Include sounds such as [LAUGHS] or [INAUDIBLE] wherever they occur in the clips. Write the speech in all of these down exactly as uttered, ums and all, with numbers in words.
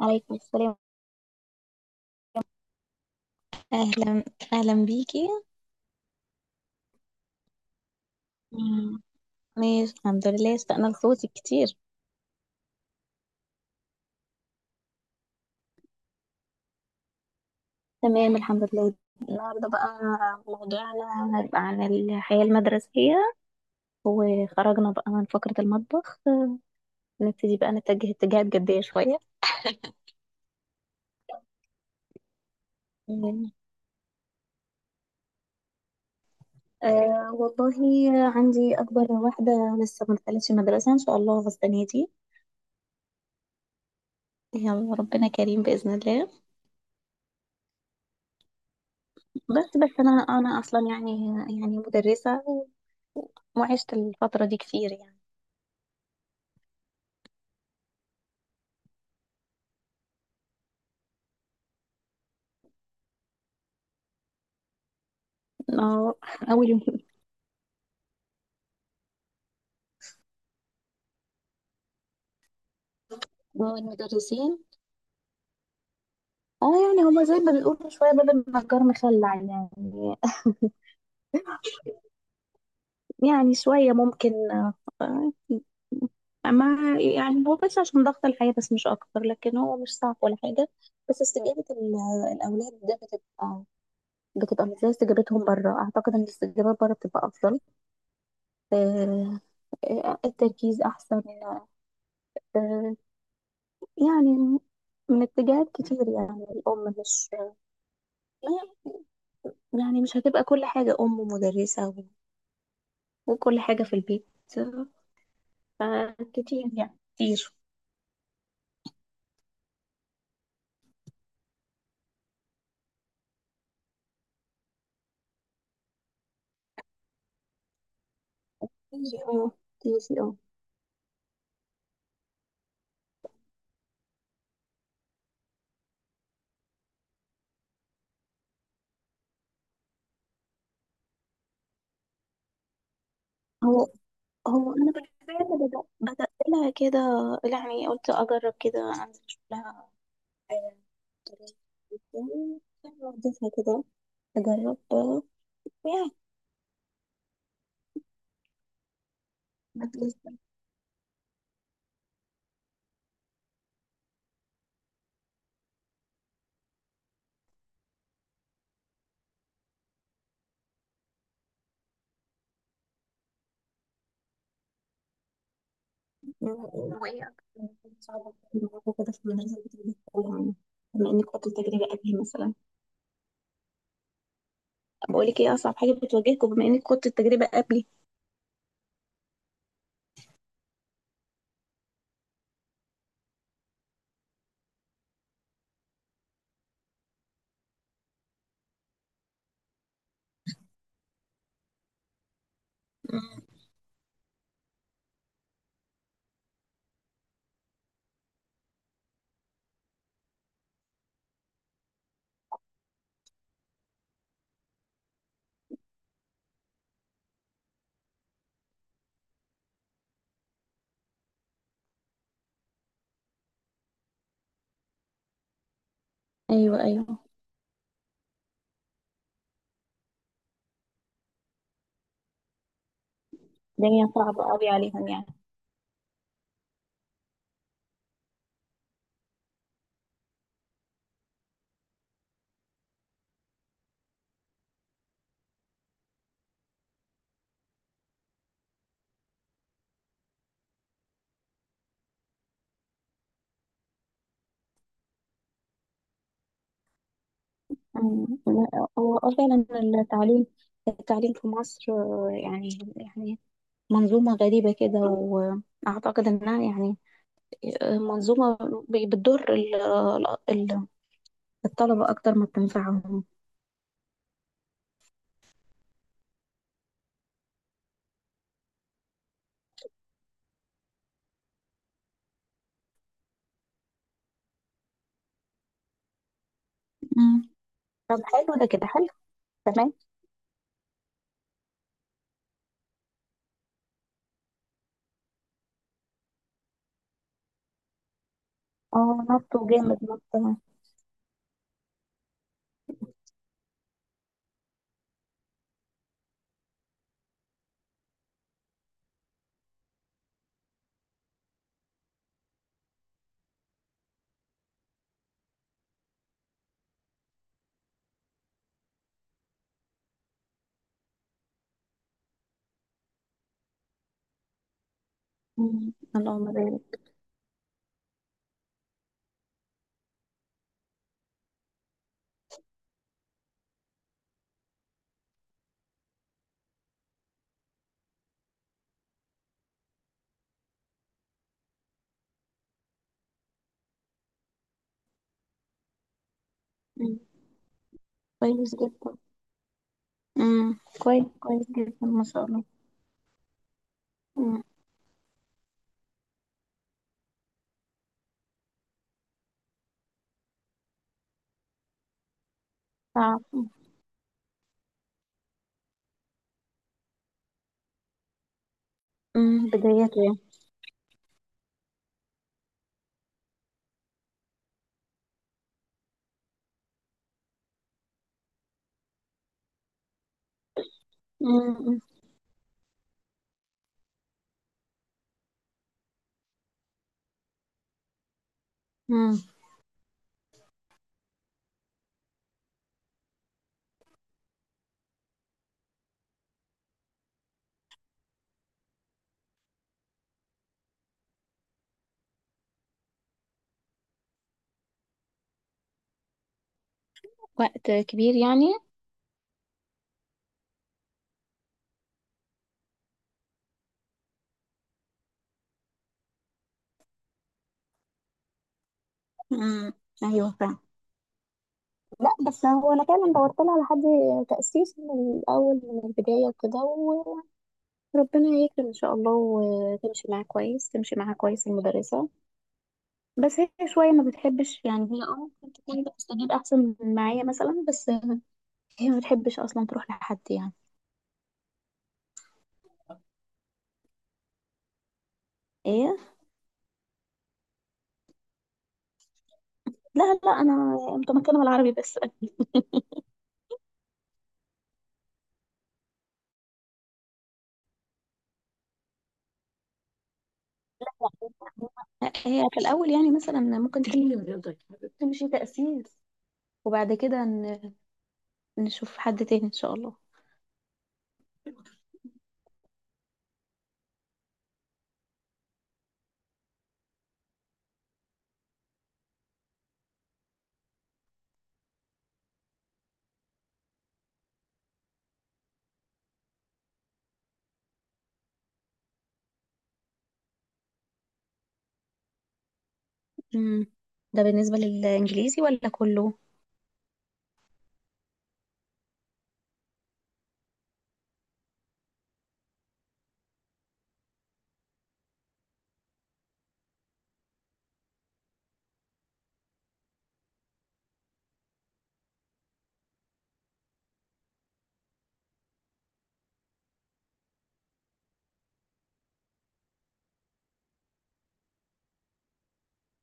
عليكم السلام. أهلا، أهلا بيكي. مم. ماشي، الحمد لله، اشتقنا لصوتك كتير. تمام الحمد لله. النهارده بقى موضوعنا هيبقى عن الحياة المدرسية، وخرجنا بقى من فقرة المطبخ، نبتدي بقى نتجه اتجاهات جدية شوية. مم. أه والله عندي أكبر واحدة لسه ما دخلتش المدرسة إن شاء الله السنة دي، يلا ربنا كريم بإذن الله. بس بس أنا أنا أصلا يعني، يعني مدرسة، وعشت الفترة دي كتير يعني. اه، اول يوم. والمدرسين، اه يعني هما زي ما بيقولوا شويه باب النجار مخلع يعني. [LAUGHS] يعني شويه ممكن، آه، مع يعني هو بس عشان ضغط الحياه، بس مش اكتر، لكن هو مش صعب ولا حاجه. بس استجابه ال- الاولاد ده بتبقى بتبقى مش زي استجابتهم بره. اعتقد ان الاستجابات بره بتبقى افضل. آه، آه، التركيز احسن. آه، يعني من اتجاهات كتير، يعني الام مش، آه، يعني مش هتبقى كل حاجة أم ومدرسة و- وكل حاجة في البيت، فكتير يعني كتير. كتير اه، كتير اه. هو هو أنا بالفعل بدأ- بدأت لها كده، يعني قلت أجرب كده، أنزل أشوف لها آه، طريقة وبتاع. وديتها كده أجرب، آه، ويعني بدرس. وهي صعبة كده في المدرسة بتبقى. بما انك خدت التجربة قبلي مثلا، بقول لك ايه اصعب حاجة بتواجهكم بما انك خدت التجربة قبلي؟ ايوه، ايوه. الدنيا صعبة قوي عليهم يعني. أمم، لا، هو آه فعلا. التعليم، التعليم في مصر، آه، يعني يعني منظومة غريبة كده، وأعتقد إنها يعني، آه، منظومة ب- بتضر ال- ال- الطلبة أكتر ما بتنفعهم. أمم، طب حلو، ده كده حلو، تمام. اه، نطوا جامد نطوا. أمم، اللهم بارك. أمم، كويس جدا. أمم، كويس، كويس جدا ما شاء الله. أمم، صعب. أمم، بدايته يعني. أمم، امم وقت كبير يعني. امم ايوه، فاهم. لا، بس هو انا فعلا دورت لها على حد تأسيس من الاول، من البداية وكده، وربنا يكرم ان شاء الله. وتمشي معاه كويس تمشي معاها كويس المدرسة. بس هي شوية ما بتحبش، يعني هي، اه ممكن تكون بتستجيب احسن من معايا مثلا، بس هي ما بتحبش اصلا تروح لحد يعني. ايه. لا، لا، انا متمكنة من العربي بس. هي في الاول يعني مثلا ممكن تكون تمشي تأسيس، وبعد كده نشوف حد تاني ان شاء الله. امم ده بالنسبة للإنجليزي ولا كله؟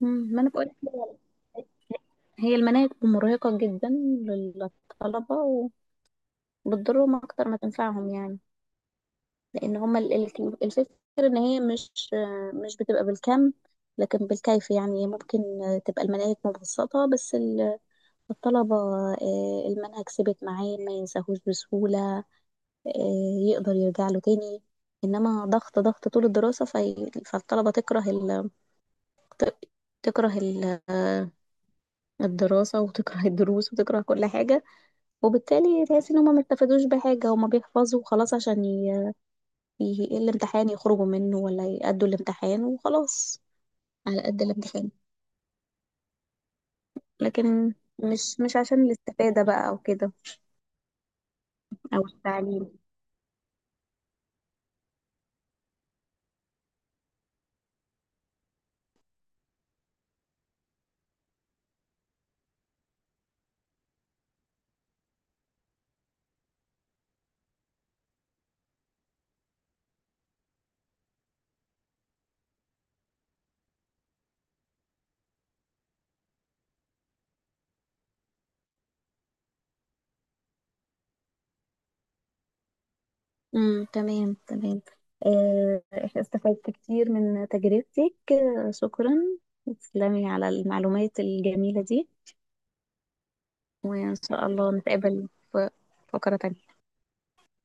مم. ما انا بقول لك، هي المناهج مرهقة جدا للطلبة، وبتضرهم أكتر ما تنفعهم يعني. لأن هما ال- ال- الفكرة إن هي مش مش بتبقى بالكم لكن بالكيف. يعني ممكن تبقى المناهج مبسطة، بس ال- الطلبة، آه، المنهج ثبت معاه ما ينساهوش بسهولة، آه، يقدر يرجع له تاني. انما ضغط ضغط طول الدراسة في... فالطلبة تكره ال... ت- تكره ال... آه، الدراسة، وتكره [LAUGHS] الدروس، وتكره كل حاجة. وبالتالي تحس ان هما ما استفادوش بحاجة، هما بيحفظوا وخلاص عشان ي... ي... الامتحان يخرجوا منه، ولا يأدوا الامتحان وخلاص على قد الامتحان. لكن مش مش عشان الاستفادة بقى او كده او التعليم. امم تمام، تمام. آه، استفدت كتير من تجربتك. آه، شكرا، تسلمي على المعلومات الجميلة دي، وإن شاء الله نتقابل في فقرة تانية.